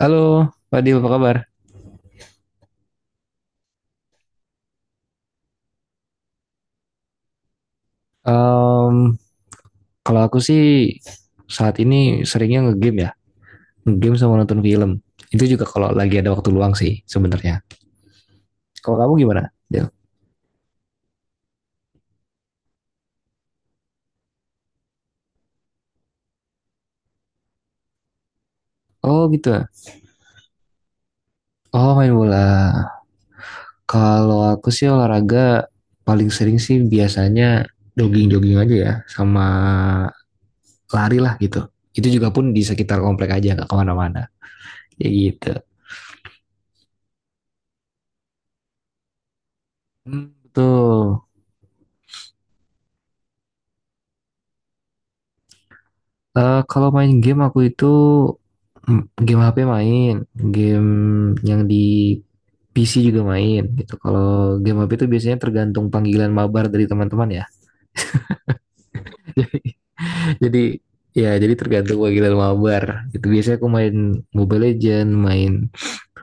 Halo, Fadil, apa kabar? Em, kalau aku sih saat ini seringnya ngegame ya, ngegame sama nonton film. Itu juga kalau lagi ada waktu luang sih sebenarnya. Kalau kamu gimana, Del? Oh gitu, ya. Oh main bola. Kalau aku sih olahraga paling sering sih biasanya jogging-jogging aja ya, sama lari lah gitu. Itu juga pun di sekitar komplek aja, nggak kemana-mana. Ya gitu. Hmm, betul. Kalau main game aku itu game HP main, game yang di PC juga main gitu. Kalau game HP itu biasanya tergantung panggilan mabar dari teman-teman ya. Jadi, ya, jadi tergantung panggilan mabar. Itu biasanya aku main Mobile Legend, main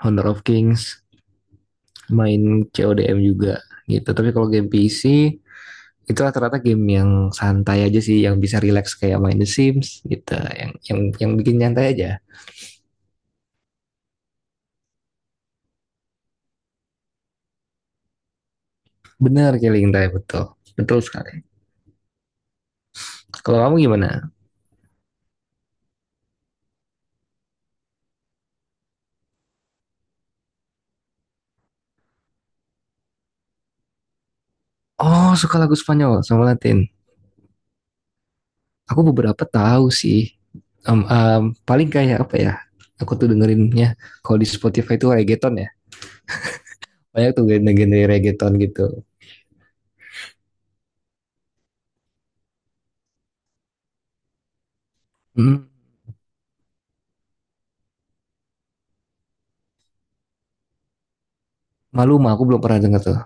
Honor of Kings, main CODM juga gitu. Tapi kalau game PC itu rata-rata game yang santai aja sih, yang bisa relax kayak main The Sims gitu, yang bikin nyantai aja. Benar, killing time, betul. Betul sekali. Kalau kamu gimana? Oh, suka lagu Spanyol sama Latin. Aku beberapa tahu sih. Paling kayak apa ya? Aku tuh dengerinnya kalau di Spotify itu reggaeton ya. Banyak tuh genre-genre reggaeton gitu. Hmm, malu mah aku belum pernah denger tuh.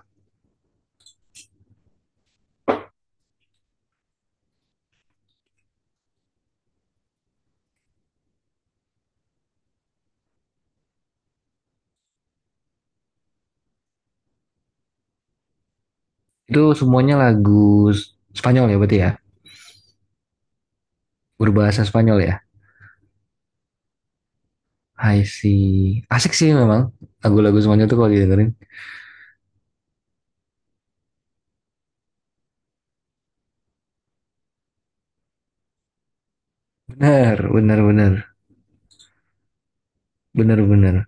Itu semuanya lagu Spanyol ya berarti ya? Berbahasa Spanyol ya? I see. Asik sih memang. Lagu-lagu Spanyol tuh kalau didengerin. Bener, bener, bener. Bener, bener.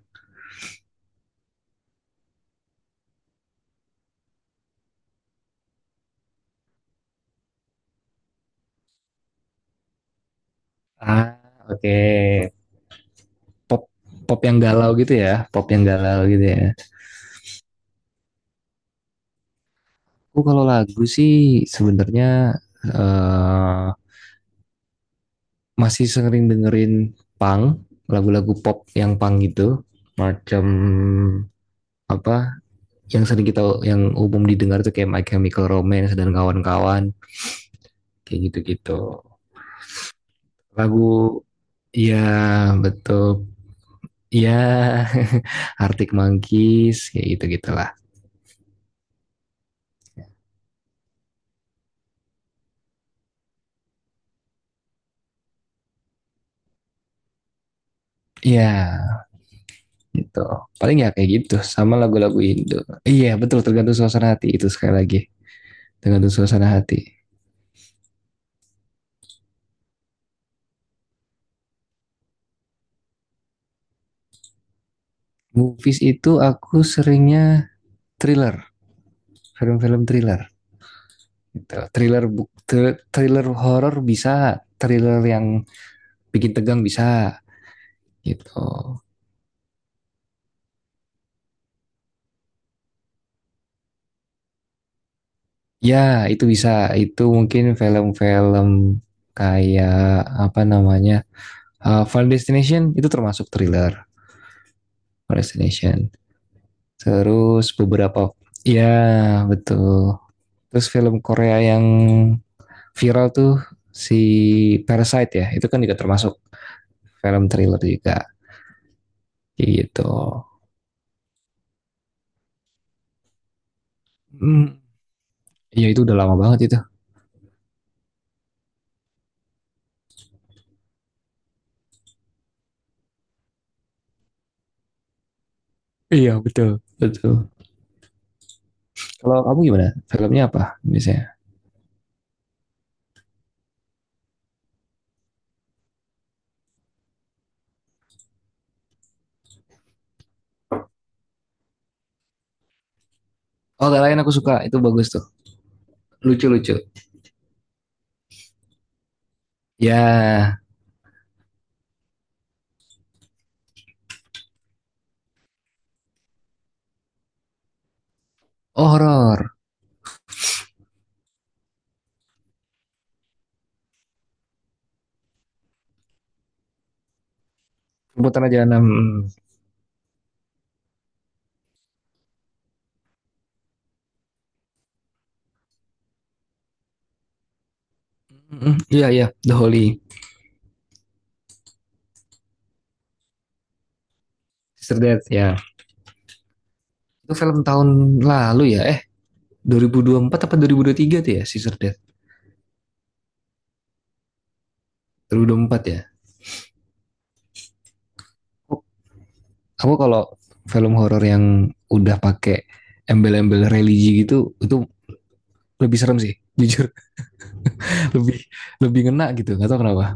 Ah, oke. Okay. Pop, pop yang galau gitu ya, pop yang galau gitu ya. Aku kalau lagu sih sebenarnya eh, masih sering dengerin punk, lagu-lagu pop yang punk gitu, macam apa yang sering kita yang umum didengar tuh kayak My Chemical Romance dan kawan-kawan kayak gitu-gitu. Lagu, ya, betul, ya. Arctic Monkeys kayak gitu-gitulah. Ya, gitu. Paling ya kayak gitu sama lagu-lagu Indo. Iya, betul, tergantung suasana hati itu sekali lagi. Tergantung suasana hati. Movies itu aku seringnya thriller, film-film thriller gitu. Thriller horor bisa, thriller yang bikin tegang bisa gitu. Ya, itu bisa. Itu mungkin film-film kayak apa namanya? Final Destination itu termasuk thriller. Final Destination. Terus beberapa, ya, betul. Terus film Korea yang viral tuh si Parasite ya, itu kan juga termasuk film thriller juga gitu. Hmm, ya itu udah lama banget itu. Iya betul. Betul. Kalau kamu gimana? Filmnya apa biasanya? Oh, gak lain aku suka. Itu bagus tuh. Lucu-lucu. Ya, oh, horor. Perbuatan aja enam. Iya, iya. The Holy. Sister Death, ya. Itu film tahun lalu ya? 2024 apa 2023 tuh ya Sister Death? 2024 ya. Aku kalau film horor yang udah pakai embel-embel religi gitu itu lebih serem sih, jujur, lebih lebih ngena gitu nggak tahu kenapa.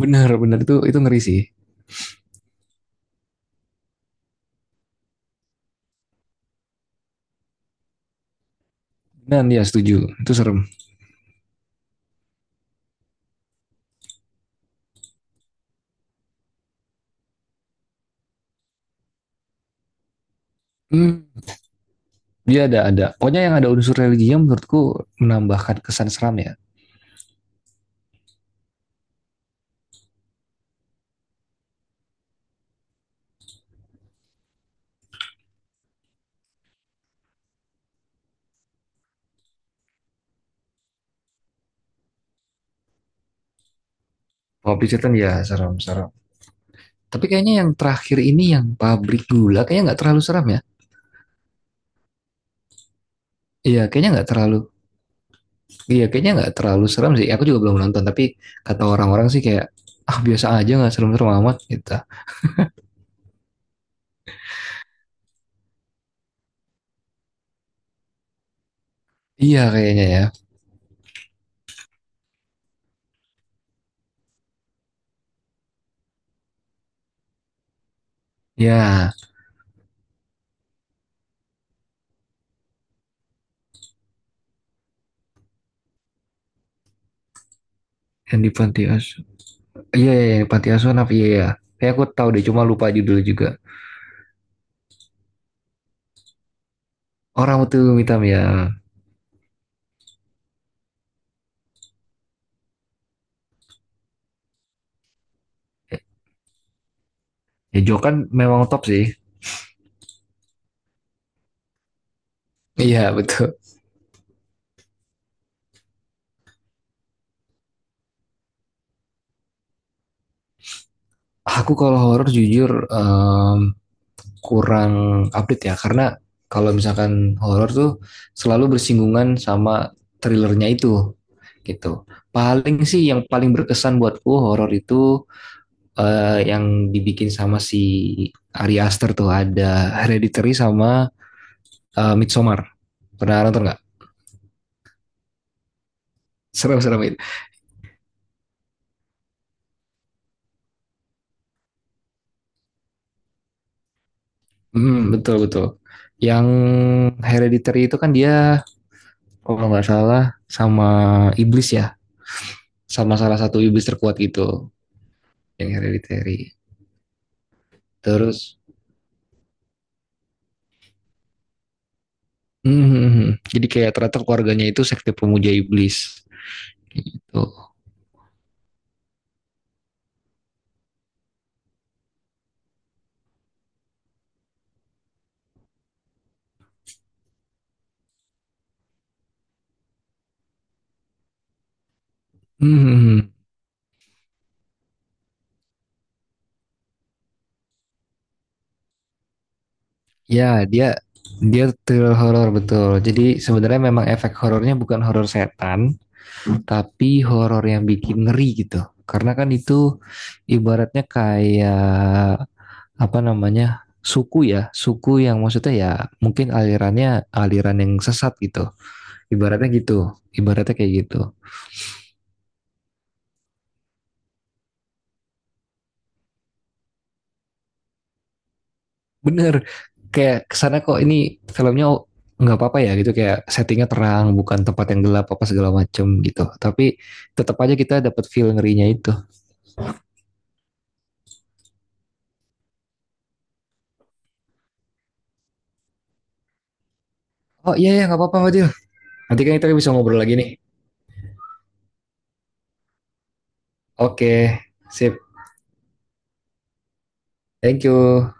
Benar, benar, itu ngeri sih. Dan ya, setuju, itu serem. Hmm, dia ada pokoknya yang ada unsur religinya menurutku menambahkan kesan seram ya. Kalau Bridgerton ya serem serem, tapi kayaknya yang terakhir ini yang pabrik gula kayaknya nggak terlalu serem ya. Iya, kayaknya nggak terlalu. Iya, kayaknya nggak terlalu serem sih. Aku juga belum nonton, tapi kata orang-orang sih kayak, ah, biasa aja, nggak serem-serem amat gitu. Iya kayaknya ya. Ya, yang di Panti Asuhan. Iya, iya, yang di Panti Asuhan apa? Iya, ya. Kayak aku tahu deh, cuma lupa judul juga. Orang itu hitam ya. Ya, Jo kan memang top sih. Iya, betul. Aku kalau horor jujur, em, kurang update ya, karena kalau misalkan horor tuh selalu bersinggungan sama thrillernya itu gitu. Paling sih yang paling berkesan buatku horor itu yang dibikin sama si Ari Aster tuh ada Hereditary sama Midsommar. Pernah nonton nggak? Serem-serem itu. Hmm, betul betul. Yang Hereditary itu kan dia kalau nggak salah sama iblis ya, sama salah satu iblis terkuat gitu yang Hereditary. Terus Mhm. Jadi kayak ternyata keluarganya itu sekte pemuja iblis gitu. Mhm. Ya, dia dia thriller horor betul. Jadi sebenarnya memang efek horornya bukan horor setan, tapi horor yang bikin ngeri gitu. Karena kan itu ibaratnya kayak apa namanya? Suku ya, suku yang maksudnya ya mungkin alirannya aliran yang sesat gitu. Ibaratnya gitu, ibaratnya kayak gitu. Bener, kayak kesana kok ini filmnya, oh, nggak apa-apa ya gitu, kayak settingnya terang bukan tempat yang gelap apa segala macem gitu, tapi tetap aja kita dapat feel ngerinya itu. Oh iya ya, nggak apa-apa Fadil, nanti kan kita bisa ngobrol lagi nih. Oke. Sip. Thank you.